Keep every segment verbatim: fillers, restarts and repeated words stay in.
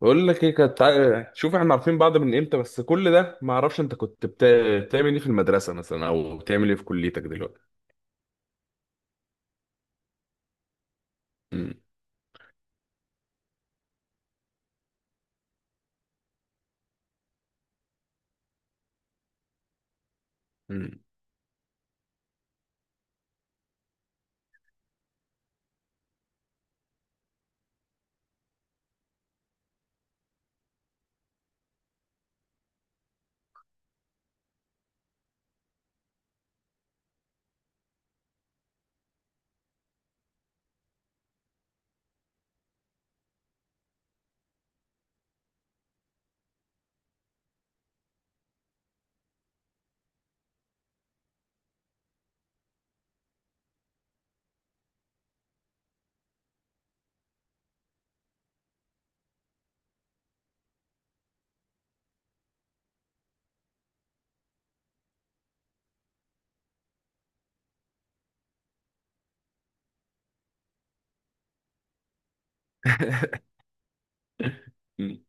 بقول لك ايه كانت تع- شوف، احنا عارفين بعض من امتى، بس كل ده ما اعرفش انت كنت بت... بتعمل ايه في المدرسه مثلا، او بتعمل ايه في كليتك دلوقتي؟ مم. مم. مم.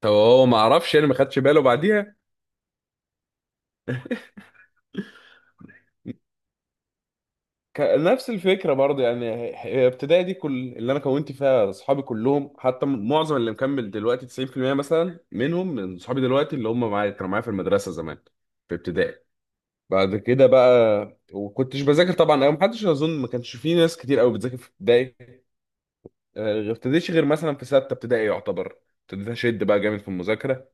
طب هو ما اعرفش، يعني ما خدش باله بعديها؟ ك- نفس الفكره برضه، يعني ح- ابتدائي دي كل اللي انا كونت فيها اصحابي كلهم، حتى م- معظم اللي مكمل دلوقتي تسعين في المية مثلا منهم من اصحابي دلوقتي، اللي هم معايا كانوا معايا في المدرسه زمان في ابتدائي. بعد كده بقى وكنتش بذاكر طبعا قوي، محدش اظن ما كانش في ناس كتير قوي بتذاكر في ابتدائي. آه، غير- ابتديتش غير مثلا في سته ابتدائي يعتبر، ابتديت اشد بقى جامد في المذاكره.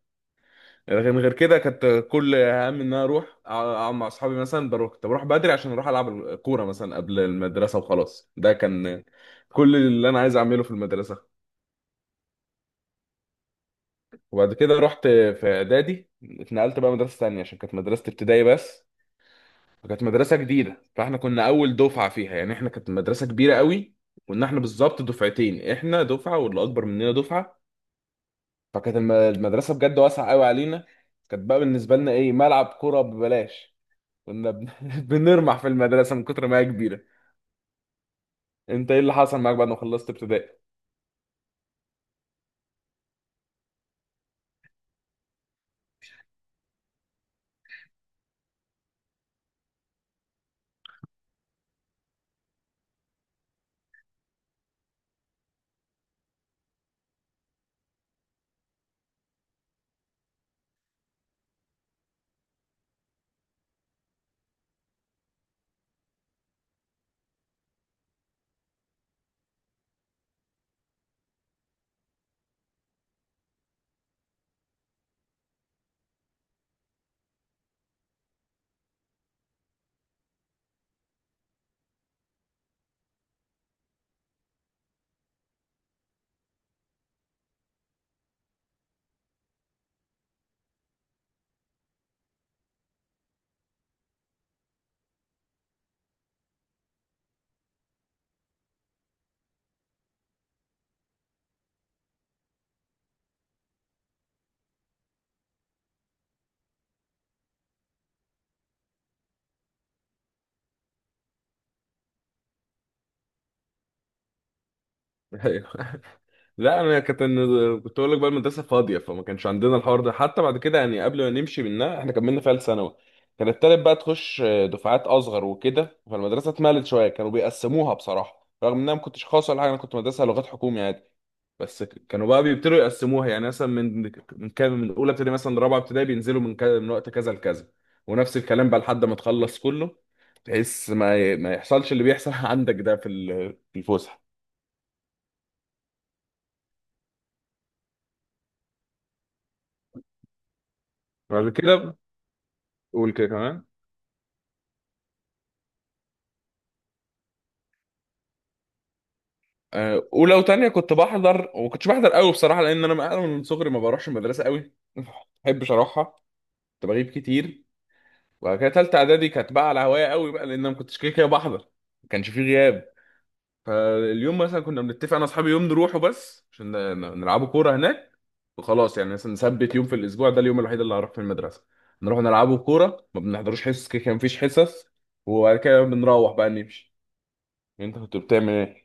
لكن غير كده كانت كل همي ان انا اروح أع- اقعد مع اصحابي، مثلا بروح كنت بروح بدري عشان اروح العب كوره مثلا قبل المدرسه، وخلاص. ده كان كل اللي انا عايز اعمله في المدرسه. وبعد كده رحت في اعدادي، اتنقلت بقى مدرسه تانية عشان كانت مدرسه ابتدائي بس. فكانت مدرسة جديدة، فاحنا كنا أول دفعة فيها، يعني احنا كانت مدرسة كبيرة قوي. كنا احنا بالظبط دفعتين، احنا دفعة واللي أكبر مننا دفعة. فكانت الم- المدرسة بجد واسعة قوي علينا. كانت بقى بالنسبة لنا إيه؟ ملعب كورة ببلاش. كنا بن... بنرمح في المدرسة من كتر ما هي كبيرة. أنت إيه اللي حصل معاك بعد ما خلصت ابتدائي؟ لا انا كنت، كنت اقول لك بقى المدرسه فاضيه، فما كانش عندنا الحوار ده. حتى بعد كده، يعني قبل ما نمشي منها، احنا كملنا فيها ثانوي. كان التالت بقى تخش دفعات اصغر وكده، فالمدرسه اتملت شويه، كانوا بيقسموها بصراحه، رغم ان انا ما كنتش خاص ولا حاجه، انا كنت مدرسه لغات حكومي عادي. بس ك- كانوا بقى بيبتدوا يقسموها، يعني مثلا من من كام، من اولى ابتدائي مثلا لرابعه ابتدائي بينزلوا من كذا، من وقت كذا لكذا. ونفس الكلام بقى لحد ما تخلص كله. تحس ما ي- ما يحصلش اللي بيحصل عندك ده في ال- في الفسحه. بعد كده قول كده كمان. آه، اولى وتانية كنت بحضر وما كنتش بحضر قوي بصراحه، لان انا من أنا من صغري ما بروحش المدرسه قوي، ما بحبش اروحها. كنت بغيب كتير. وبعد كده تالتة اعدادي كانت بقى على هوايه قوي بقى، لان أنا ما كنتش كده كده بحضر. ما كانش فيه غياب. فاليوم مثلا كنا بنتفق انا واصحابي يوم نروحه بس عشان ن- نلعبوا كوره هناك. وخلاص، يعني مثلا نثبت يوم في الاسبوع، ده اليوم الوحيد اللي هروح في المدرسه. نروح نلعبوا كوره، ما بنحضروش حصص، كده كان مفيش حصص. وبعد كده بنروح بقى نمشي. انت كنت بتعمل ايه؟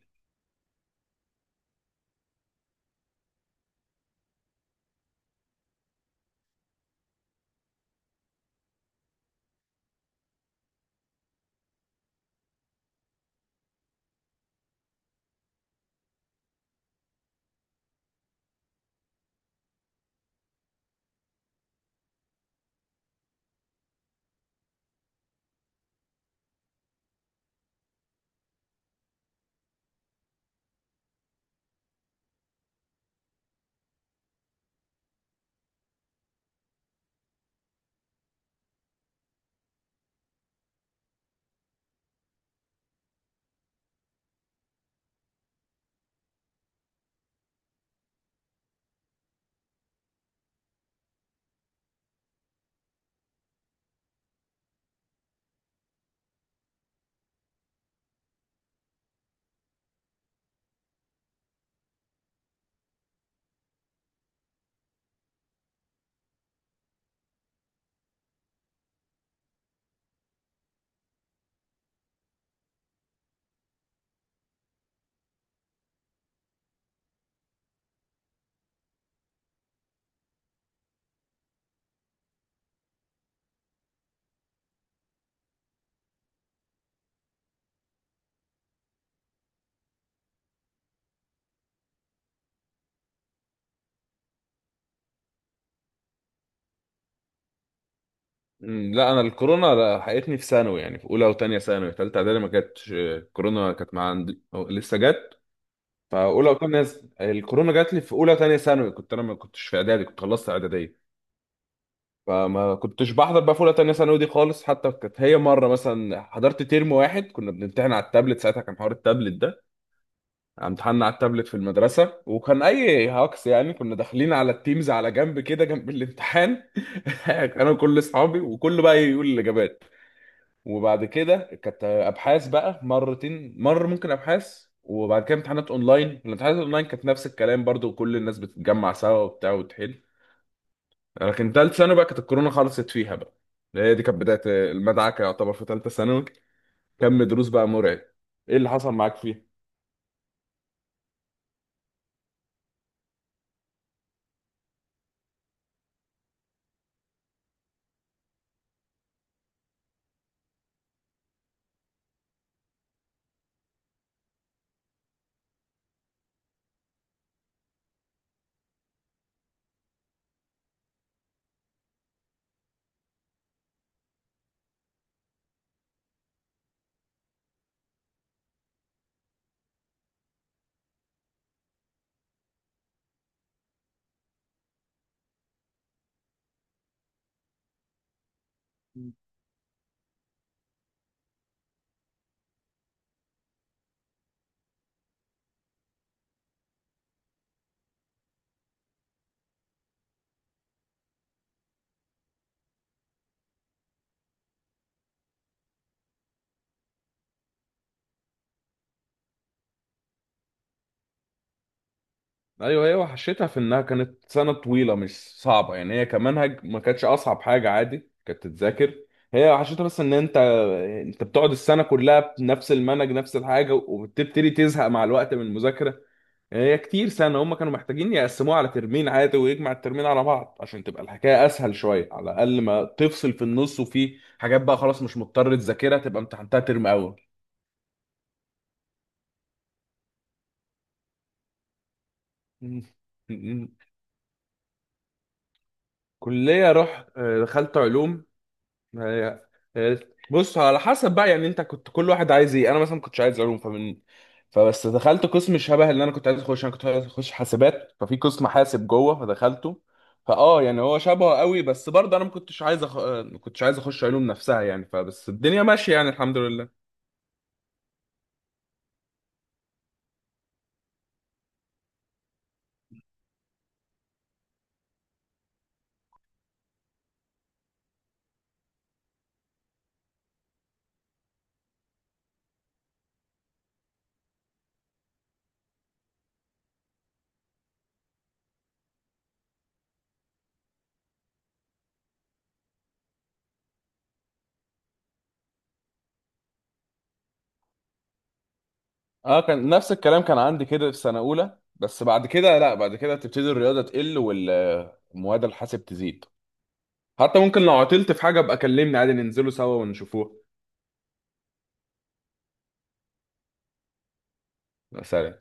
مم، لا انا الكورونا لحقتني في ثانوي، يعني في اولى وثانيه ثانوي. ثالثه اعدادي ما جاتش الكورونا، كانت مع عندي أو لسه جت. فاولى وثانيه، الكورونا جات لي في اولى وثانيه ثانوي. كنت انا ما كنتش في اعدادي، كنت خلصت اعداديه. فما كنتش بحضر بقى في اولى وثانيه ثانوي دي خالص. حتى كانت هي مره مثلا حضرت ترم واحد، كنا بنمتحن على التابلت، ساعتها كان حوار التابلت ده. يعني امتحنا على التابلت في المدرسه، وكان اي هاكس، يعني كنا داخلين على التيمز على جنب كده جنب الامتحان. انا وكل اصحابي وكله بقى يقول الاجابات. وبعد كده كانت ابحاث بقى مرتين، مره ممكن ابحاث وبعد كده امتحانات اونلاين. الامتحانات اونلاين كانت نفس الكلام برضو، كل الناس بتتجمع سوا وبتاع وتحل. لكن تالت ثانوي بقى كانت الكورونا خلصت فيها بقى. هي دي كانت بدايه المدعكه يعتبر في تالته ثانوي. كم دروس بقى مرعب. ايه اللي حصل معاك فيها؟ ايوه، هي وحشتها في انها كانت سنه طويله، مش صعبه يعني، هي كمنهج ما كانتش اصعب حاجه، عادي كانت تتذاكر. هي وحشتها بس ان انت، انت بتقعد السنه كلها بنفس المنهج نفس الحاجه، وبتبتدي تزهق مع الوقت من المذاكره. يعني هي كتير سنه، هم كانوا محتاجين يقسموها على ترمين عادي ويجمع الترمين على بعض عشان تبقى الحكايه اسهل شويه على الاقل، ما تفصل في النص وفي حاجات بقى خلاص مش مضطر تذاكرها، تبقى امتحنتها ترم اول. كليه رحت، آه، دخلت علوم. هي- هي- بص، على حسب بقى، يعني انت كنت كل واحد عايز ايه. انا مثلا ما كنتش عايز علوم، فمن فبس دخلت قسم شبه اللي انا كنت عايز اخش. انا كنت عايز اخش حاسبات، ففي قسم حاسب جوه، فدخلته. فاه يعني هو شبهه قوي، بس برضه انا ما كنتش عايز أخ... ما كنتش عايز اخش علوم نفسها. يعني فبس الدنيا ماشيه، يعني الحمد لله. اه كان نفس الكلام، كان عندي كده في سنه اولى، بس بعد كده لا، بعد كده تبتدي الرياضه تقل والمواد الحاسب تزيد. حتى ممكن لو عطلت في حاجه ابقى كلمني عادي، ننزلوا سوا ونشوفوها. سلام.